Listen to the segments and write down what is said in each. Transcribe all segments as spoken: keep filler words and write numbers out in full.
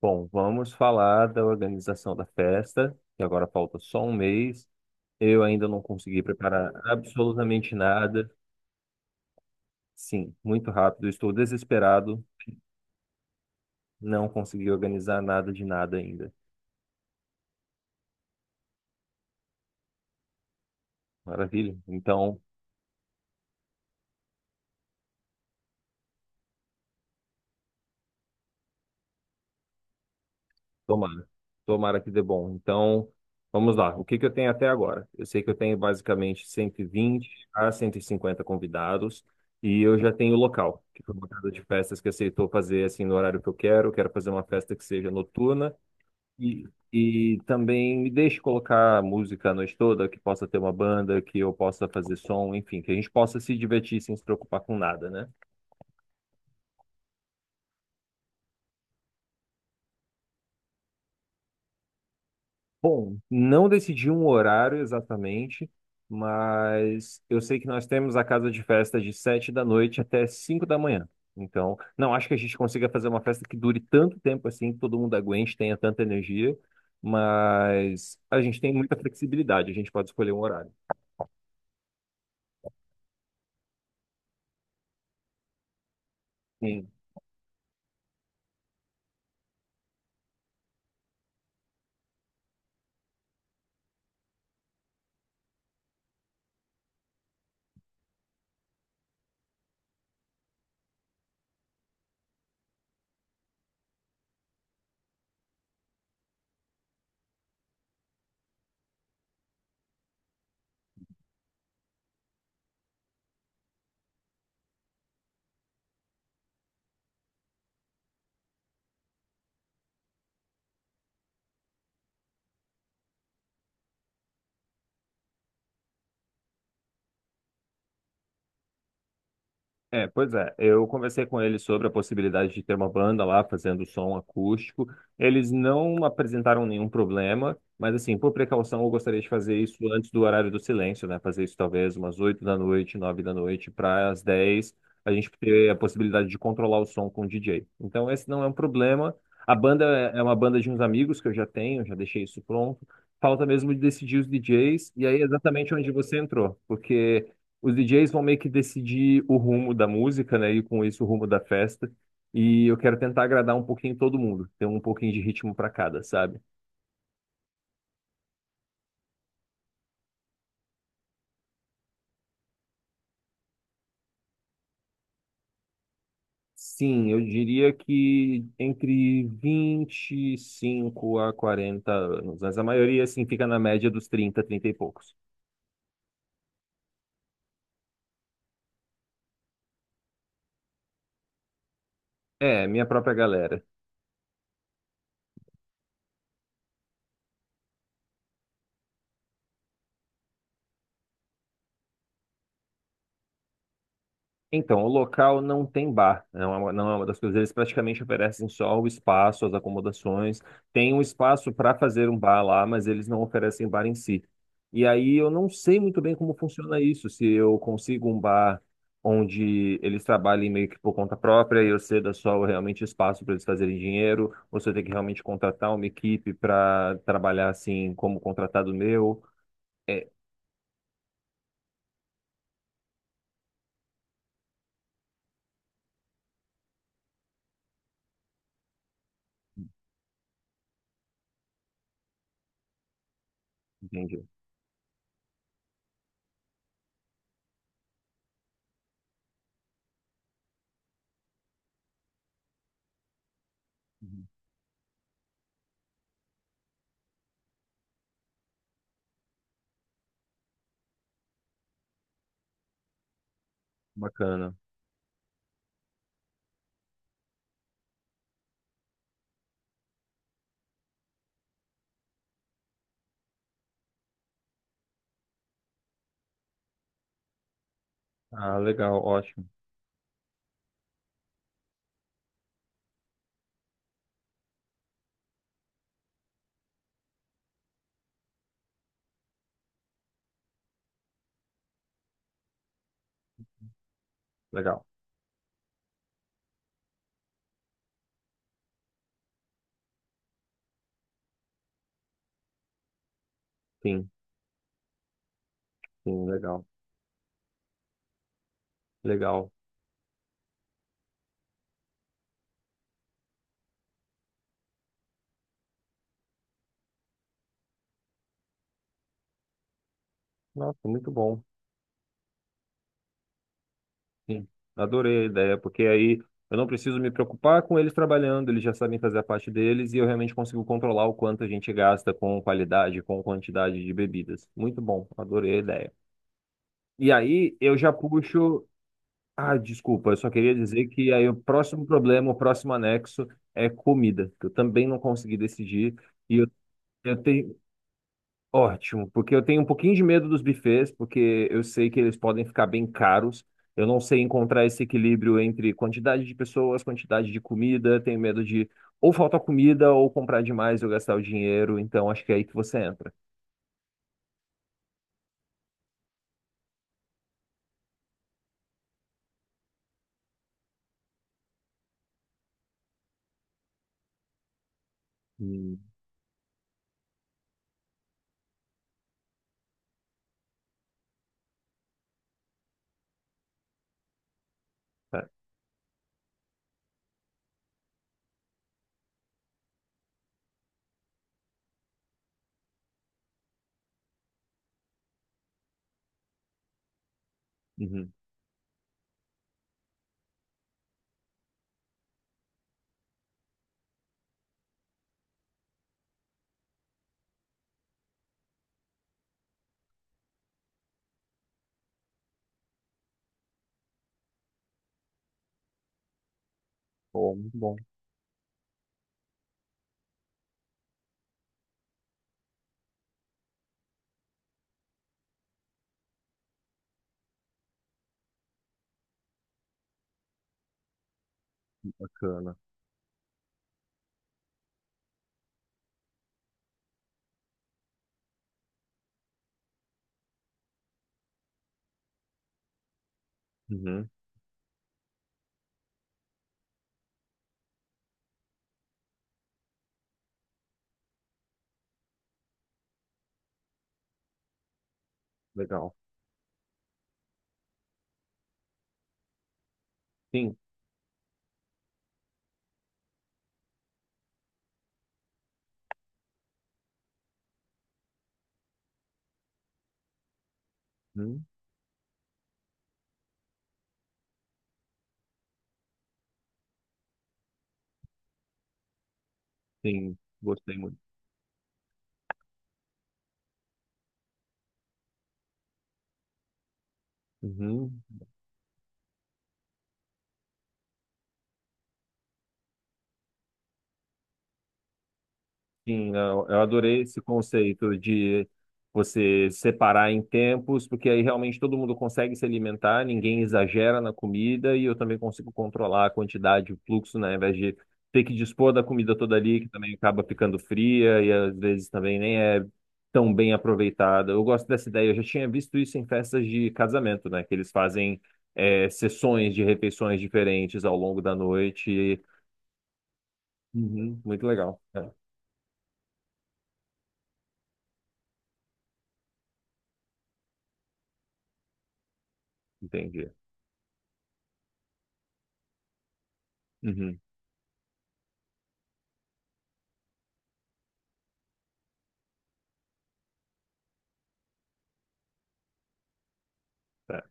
Bom, vamos falar da organização da festa, que agora falta só um mês. Eu ainda não consegui preparar absolutamente nada. Sim, muito rápido, estou desesperado, não consegui organizar nada de nada ainda. Maravilha? Então, tomara. Tomara que dê bom. Então, vamos lá. O que que eu tenho até agora? Eu sei que eu tenho basicamente cento e vinte a cento e cinquenta convidados. E eu já tenho o local, que foi uma casa de festas que aceitou fazer assim no horário que eu quero. Eu quero fazer uma festa que seja noturna. E e também me deixe colocar música a noite toda, que possa ter uma banda, que eu possa fazer som, enfim, que a gente possa se divertir sem se preocupar com nada, né? Bom, não decidi um horário exatamente, mas eu sei que nós temos a casa de festa de sete da noite até cinco da manhã. Então, não acho que a gente consiga fazer uma festa que dure tanto tempo assim, que todo mundo aguente, tenha tanta energia, mas a gente tem muita flexibilidade, a gente pode escolher um horário. É, pois é. Eu conversei com eles sobre a possibilidade de ter uma banda lá fazendo som acústico. Eles não apresentaram nenhum problema, mas assim, por precaução, eu gostaria de fazer isso antes do horário do silêncio, né? Fazer isso talvez umas oito da noite, nove da noite, para as dez a gente ter a possibilidade de controlar o som com o D J. Então, esse não é um problema. A banda é é uma banda de uns amigos que eu já tenho, já deixei isso pronto. Falta mesmo de decidir os D Js, e aí é exatamente onde você entrou, porque os D Js vão meio que decidir o rumo da música, né? E com isso o rumo da festa. E eu quero tentar agradar um pouquinho todo mundo, ter um pouquinho de ritmo para cada, sabe? Sim, eu diria que entre vinte e cinco a quarenta anos, mas a maioria assim fica na média dos trinta, trinta e poucos. É, minha própria galera. Então, o local não tem bar, não é uma, não é uma das coisas. Eles praticamente oferecem só o espaço, as acomodações. Tem um espaço para fazer um bar lá, mas eles não oferecem bar em si. E aí eu não sei muito bem como funciona isso. Se eu consigo um bar onde eles trabalhem meio que por conta própria e eu ceda só realmente espaço para eles fazerem dinheiro, ou se eu tenho que realmente contratar uma equipe para trabalhar assim como contratado meu. É, entendi. Uhum. Bacana. Ah, legal, ótimo. Legal. Sim. Sim, legal, legal. Nossa, muito bom. Sim, adorei a ideia, porque aí eu não preciso me preocupar com eles trabalhando, eles já sabem fazer a parte deles e eu realmente consigo controlar o quanto a gente gasta com qualidade, com quantidade de bebidas. Muito bom, adorei a ideia. E aí eu já puxo. Ah, desculpa, eu só queria dizer que aí o próximo problema, o próximo anexo é comida, que eu também não consegui decidir e eu, eu tenho. Ótimo, porque eu tenho um pouquinho de medo dos buffets, porque eu sei que eles podem ficar bem caros. Eu não sei encontrar esse equilíbrio entre quantidade de pessoas, quantidade de comida. Tenho medo de ou faltar comida ou comprar demais e eu gastar o dinheiro. Então acho que é aí que você entra. Hum. Tá. Uhum. Pô, muito bom, bacana. Uhum. Legal. Sim. Uhum. Sim. Gostei muito. Uhum. Sim, eu eu adorei esse conceito de você separar em tempos, porque aí realmente todo mundo consegue se alimentar, ninguém exagera na comida e eu também consigo controlar a quantidade, o fluxo, né, ao invés de ter que dispor da comida toda ali, que também acaba ficando fria e às vezes também nem é tão bem aproveitada. Eu gosto dessa ideia, eu já tinha visto isso em festas de casamento, né, que eles fazem é, sessões de refeições diferentes ao longo da noite. Uhum, muito legal. É, entendi. Uhum. Tá.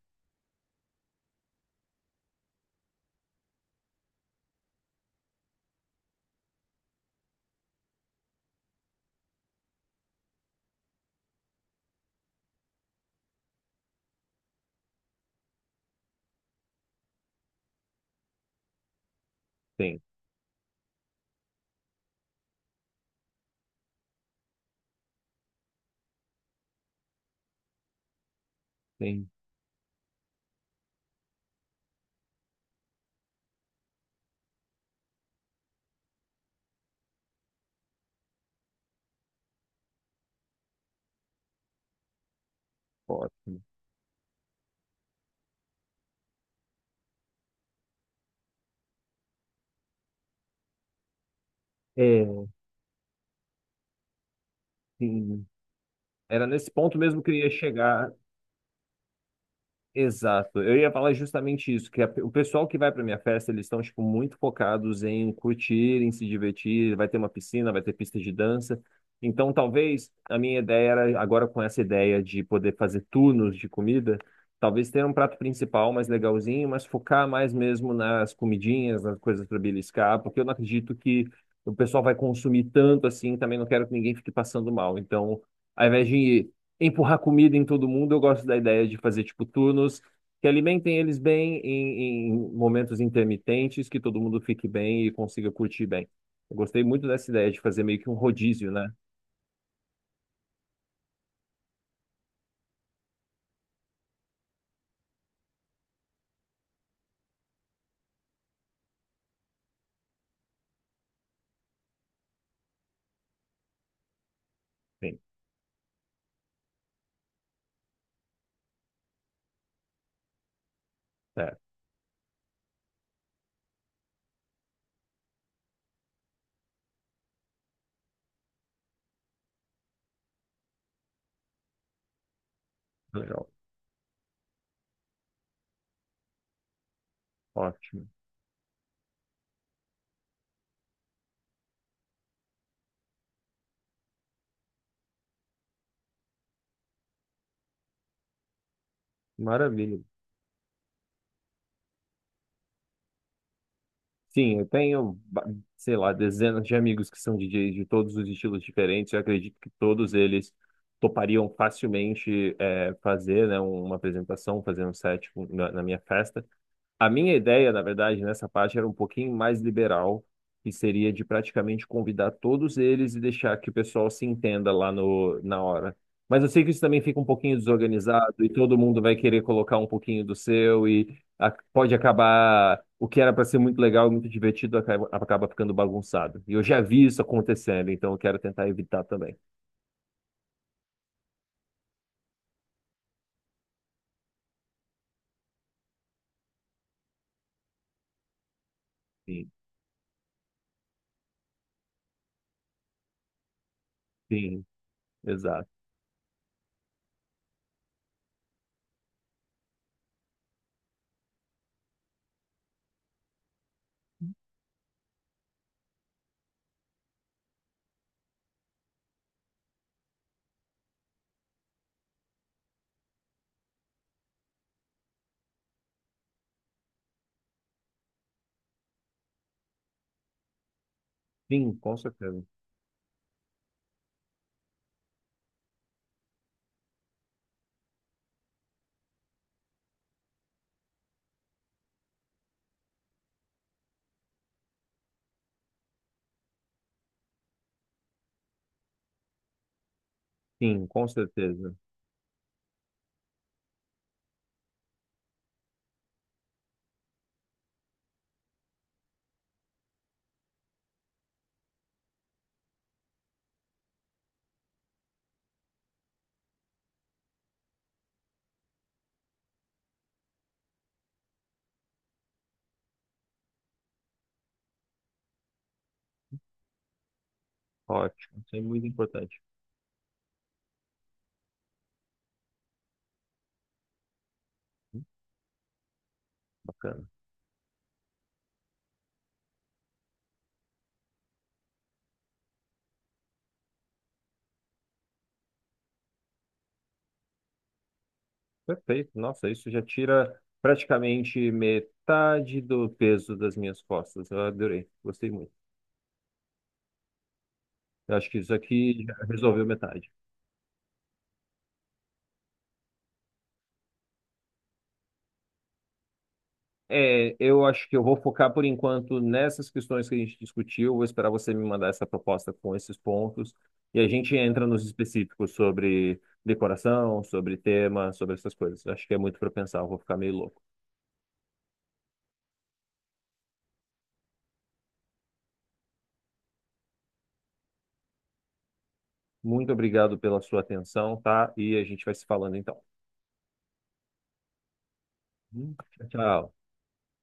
Tem, tem. Ótimo. É, sim. Era nesse ponto mesmo que eu ia chegar. Exato. Eu ia falar justamente isso, que a- o pessoal que vai para minha festa, eles estão tipo muito focados em curtir, em se divertir, vai ter uma piscina, vai ter pista de dança. Então, talvez a minha ideia era agora com essa ideia de poder fazer turnos de comida, talvez ter um prato principal mais legalzinho, mas focar mais mesmo nas comidinhas, nas coisas para beliscar, porque eu não acredito que o pessoal vai consumir tanto assim, também não quero que ninguém fique passando mal. Então, ao invés de empurrar comida em todo mundo. Eu gosto da ideia de fazer tipo turnos que alimentem eles bem em, em momentos intermitentes, que todo mundo fique bem e consiga curtir bem. Eu gostei muito dessa ideia de fazer meio que um rodízio, né? Sim, é, legal, ótimo, maravilha. Sim, eu tenho, ba- sei lá, dezenas de amigos que são D Js de todos os estilos diferentes. Eu acredito que todos eles topariam facilmente é, fazer, né, uma apresentação, fazer um set na na minha festa. A minha ideia, na verdade, nessa parte era um pouquinho mais liberal, que seria de praticamente convidar todos eles e deixar que o pessoal se entenda lá no, na hora. Mas eu sei que isso também fica um pouquinho desorganizado e todo mundo vai querer colocar um pouquinho do seu e a- pode acabar o que era para ser muito legal e muito divertido acaba, acaba ficando bagunçado. E eu já vi isso acontecendo, então eu quero tentar evitar também. Sim, sim, exato. Sim, com certeza. Sim, com certeza. Ótimo, isso é muito importante. Bacana. Perfeito. Nossa, isso já tira praticamente metade do peso das minhas costas. Eu adorei, gostei muito. Eu acho que isso aqui já resolveu metade. É, eu acho que eu vou focar por enquanto nessas questões que a gente discutiu. Vou esperar você me mandar essa proposta com esses pontos e a gente entra nos específicos sobre decoração, sobre tema, sobre essas coisas. Acho que é muito para pensar, eu vou ficar meio louco. Muito obrigado pela sua atenção, tá? E a gente vai se falando então. Tchau.